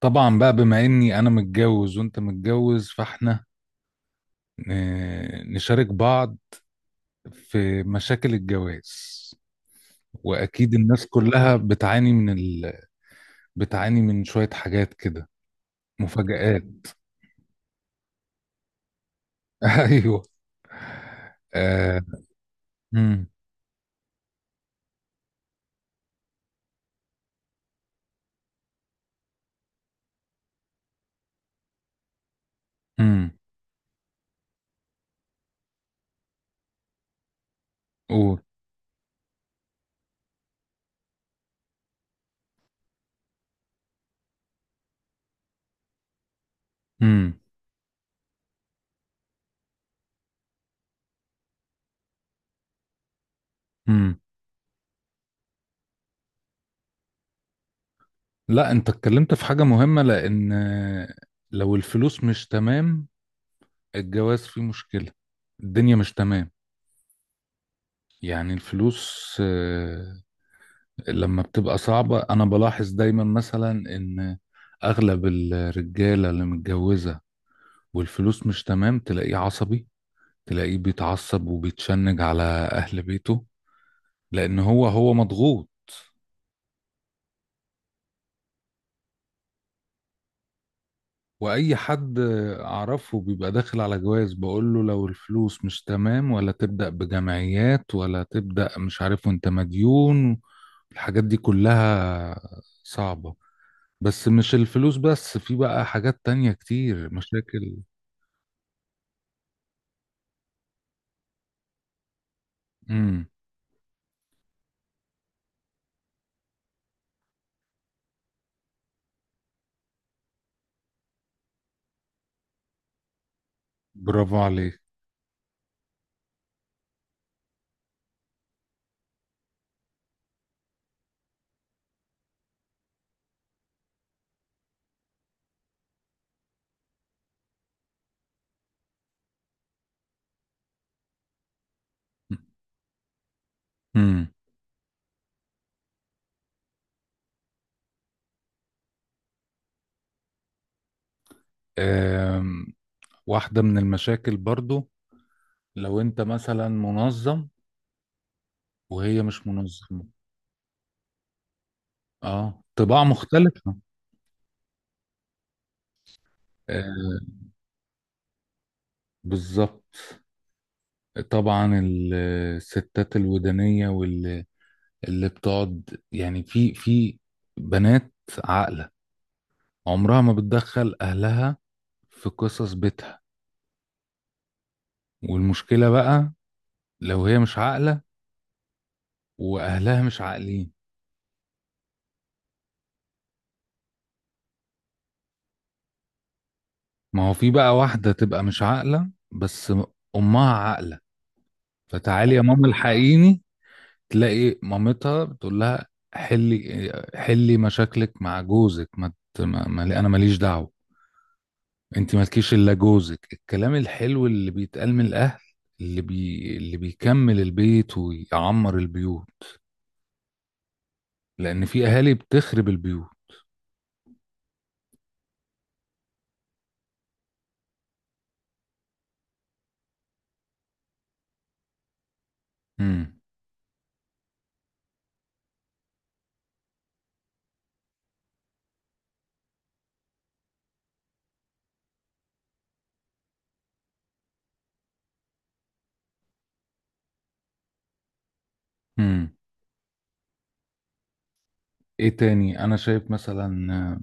طبعا بقى بما اني انا متجوز وانت متجوز فاحنا نشارك بعض في مشاكل الجواز. واكيد الناس كلها بتعاني بتعاني من شوية حاجات كده، مفاجآت. ايوه. آه. امم. امم. قول. امم. امم. لا، انت اتكلمت في حاجة مهمة، لان لو الفلوس مش تمام الجواز فيه مشكلة، الدنيا مش تمام. يعني الفلوس لما بتبقى صعبة أنا بلاحظ دايما مثلا إن أغلب الرجالة اللي متجوزة والفلوس مش تمام تلاقيه عصبي، تلاقيه بيتعصب وبيتشنج على أهل بيته، لأن هو هو مضغوط. وأي حد أعرفه بيبقى داخل على جواز بقوله لو الفلوس مش تمام، ولا تبدأ بجمعيات، ولا تبدأ مش عارف وأنت مديون، الحاجات دي كلها صعبة. بس مش الفلوس بس، في بقى حاجات تانية كتير مشاكل. مم. برافو عليك. امم. آم، واحدة من المشاكل برضو لو انت مثلا منظم وهي مش منظمة. اه، طباع مختلفة. آه، بالظبط. طبعا الستات الودانية، واللي بتقعد يعني في بنات عاقلة عمرها ما بتدخل أهلها في قصص بيتها. والمشكلة بقى لو هي مش عاقلة وأهلها مش عاقلين. ما هو في بقى واحدة تبقى مش عاقلة بس أمها عاقلة، فتعالي يا ماما الحقيني. تلاقي مامتها بتقول لها حلي حلي مشاكلك مع جوزك، ما, ت- ما ما- أنا ماليش دعوة، أنت مالكيش إلا جوزك. الكلام الحلو اللي بيتقال من الأهل، اللي بيكمل البيت ويعمر البيوت، لأن في أهالي بتخرب البيوت. امم. امم. إيه تاني أنا شايف مثلا؟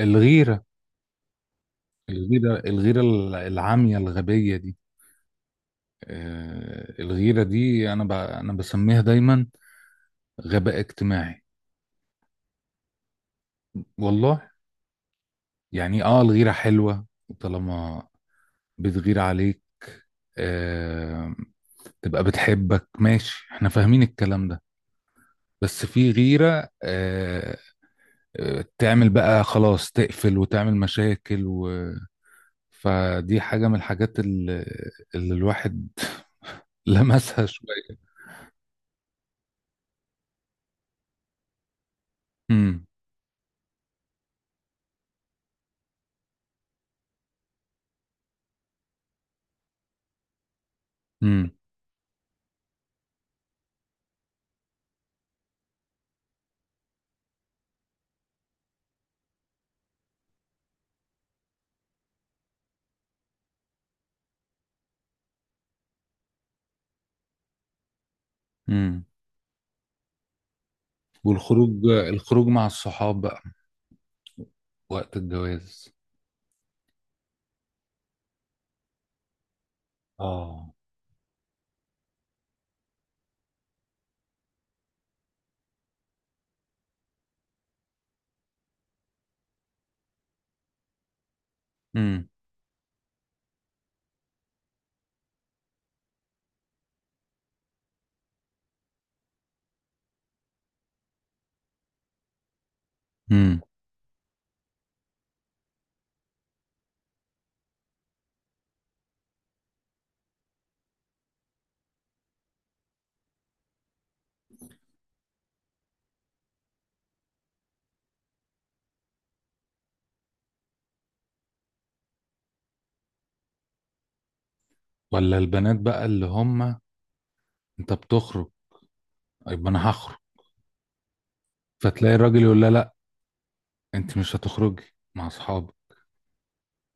الغيرة. الغيرة، الغيرة، العامية الغبية دي. الغيرة دي أنا بسميها دايما غباء اجتماعي، والله. يعني الغيرة حلوة طالما بتغير عليك، آه... تبقى بتحبك، ماشي، احنا فاهمين الكلام ده. بس في غيرة تعمل بقى خلاص تقفل وتعمل مشاكل فدي حاجة من الحاجات اللي الواحد لمسها شوية. امم. امم. امم. والخروج الخروج مع الصحاب بقى وقت الجواز. اه. امم. امم. ولا البنات بقى اللي هم؟ انت بتخرج، طيب انا هخرج، فتلاقي الراجل يقول لها لا، انت مش هتخرجي مع اصحابك،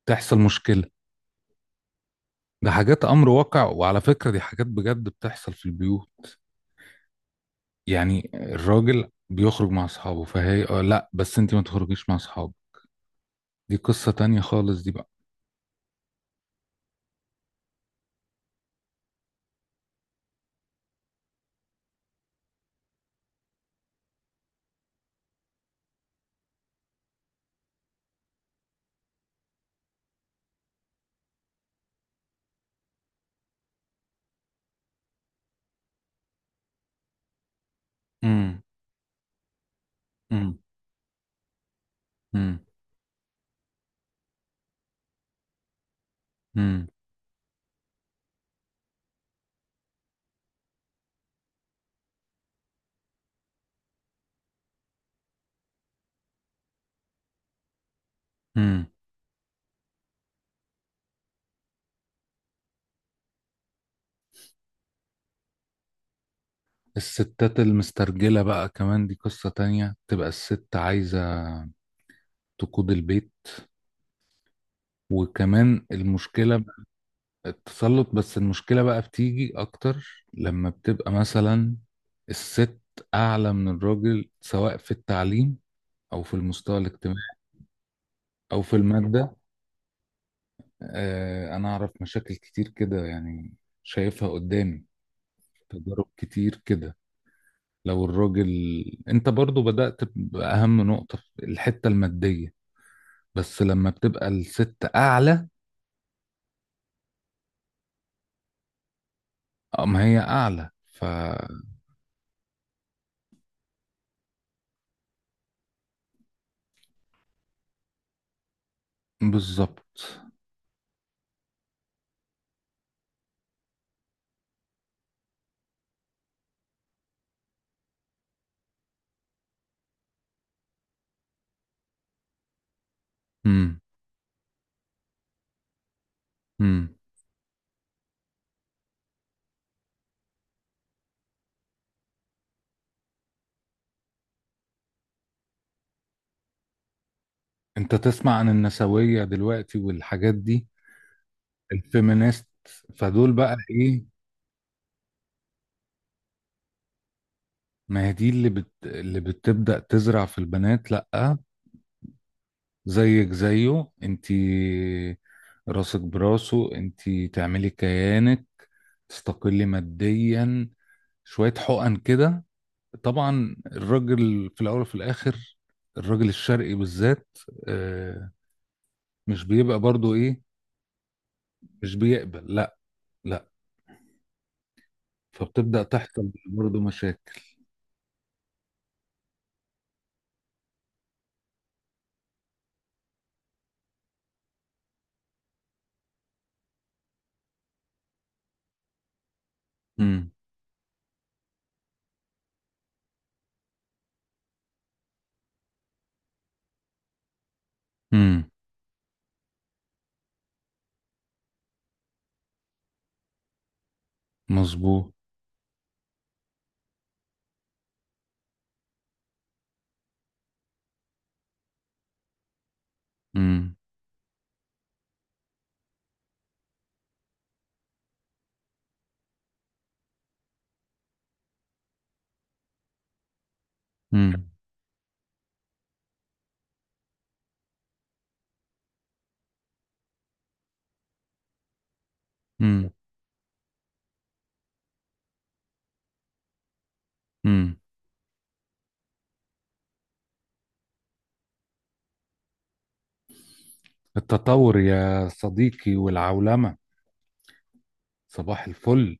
تحصل مشكلة. ده حاجات امر واقع، وعلى فكرة دي حاجات بجد بتحصل في البيوت. يعني الراجل بيخرج مع اصحابه فهي اه لا بس انت ما تخرجيش مع اصحابك، دي قصة تانية خالص دي بقى. امم. امم. امم. امم. امم. الستات المسترجلة بقى كمان، دي قصة تانية، تبقى الست عايزة تقود البيت، وكمان المشكلة، التسلط. بس المشكلة بقى بتيجي أكتر لما بتبقى مثلا الست أعلى من الراجل سواء في التعليم أو في المستوى الاجتماعي أو في المادة. آه، أنا أعرف مشاكل كتير كده يعني، شايفها قدامي، تجارب كتير كده. لو الراجل، أنت برضو بدأت بأهم نقطة، الحتة المادية، بس لما بتبقى الست أعلى، هي أعلى ف... بالظبط. مم. انت تسمع عن النسوية دلوقتي والحاجات دي، الفيمينيست، فدول بقى ايه؟ ما هي دي اللي بتبدأ تزرع في البنات لأ، زيك زيه انتي، راسك براسه، انتي تعملي كيانك، تستقلي ماديا، شوية حقن كده. طبعا الراجل في الأول وفي الآخر، الراجل الشرقي بالذات، آه، مش بيبقى برضو ايه، مش بيقبل، لا، لا. فبتبدأ تحصل برضو مشاكل. امم. امم. مظبوط. امم. امم. امم. امم. التطور يا صديقي، والعولمة، صباح الفل.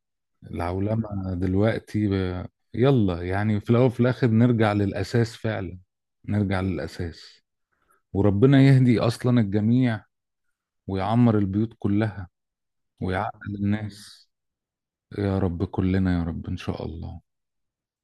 العولمة دلوقتي يلا يعني في الأول وفي الآخر، نرجع للأساس فعلا، نرجع للأساس، وربنا يهدي أصلا الجميع ويعمر البيوت كلها ويعقل الناس. يا رب كلنا يا رب إن شاء الله.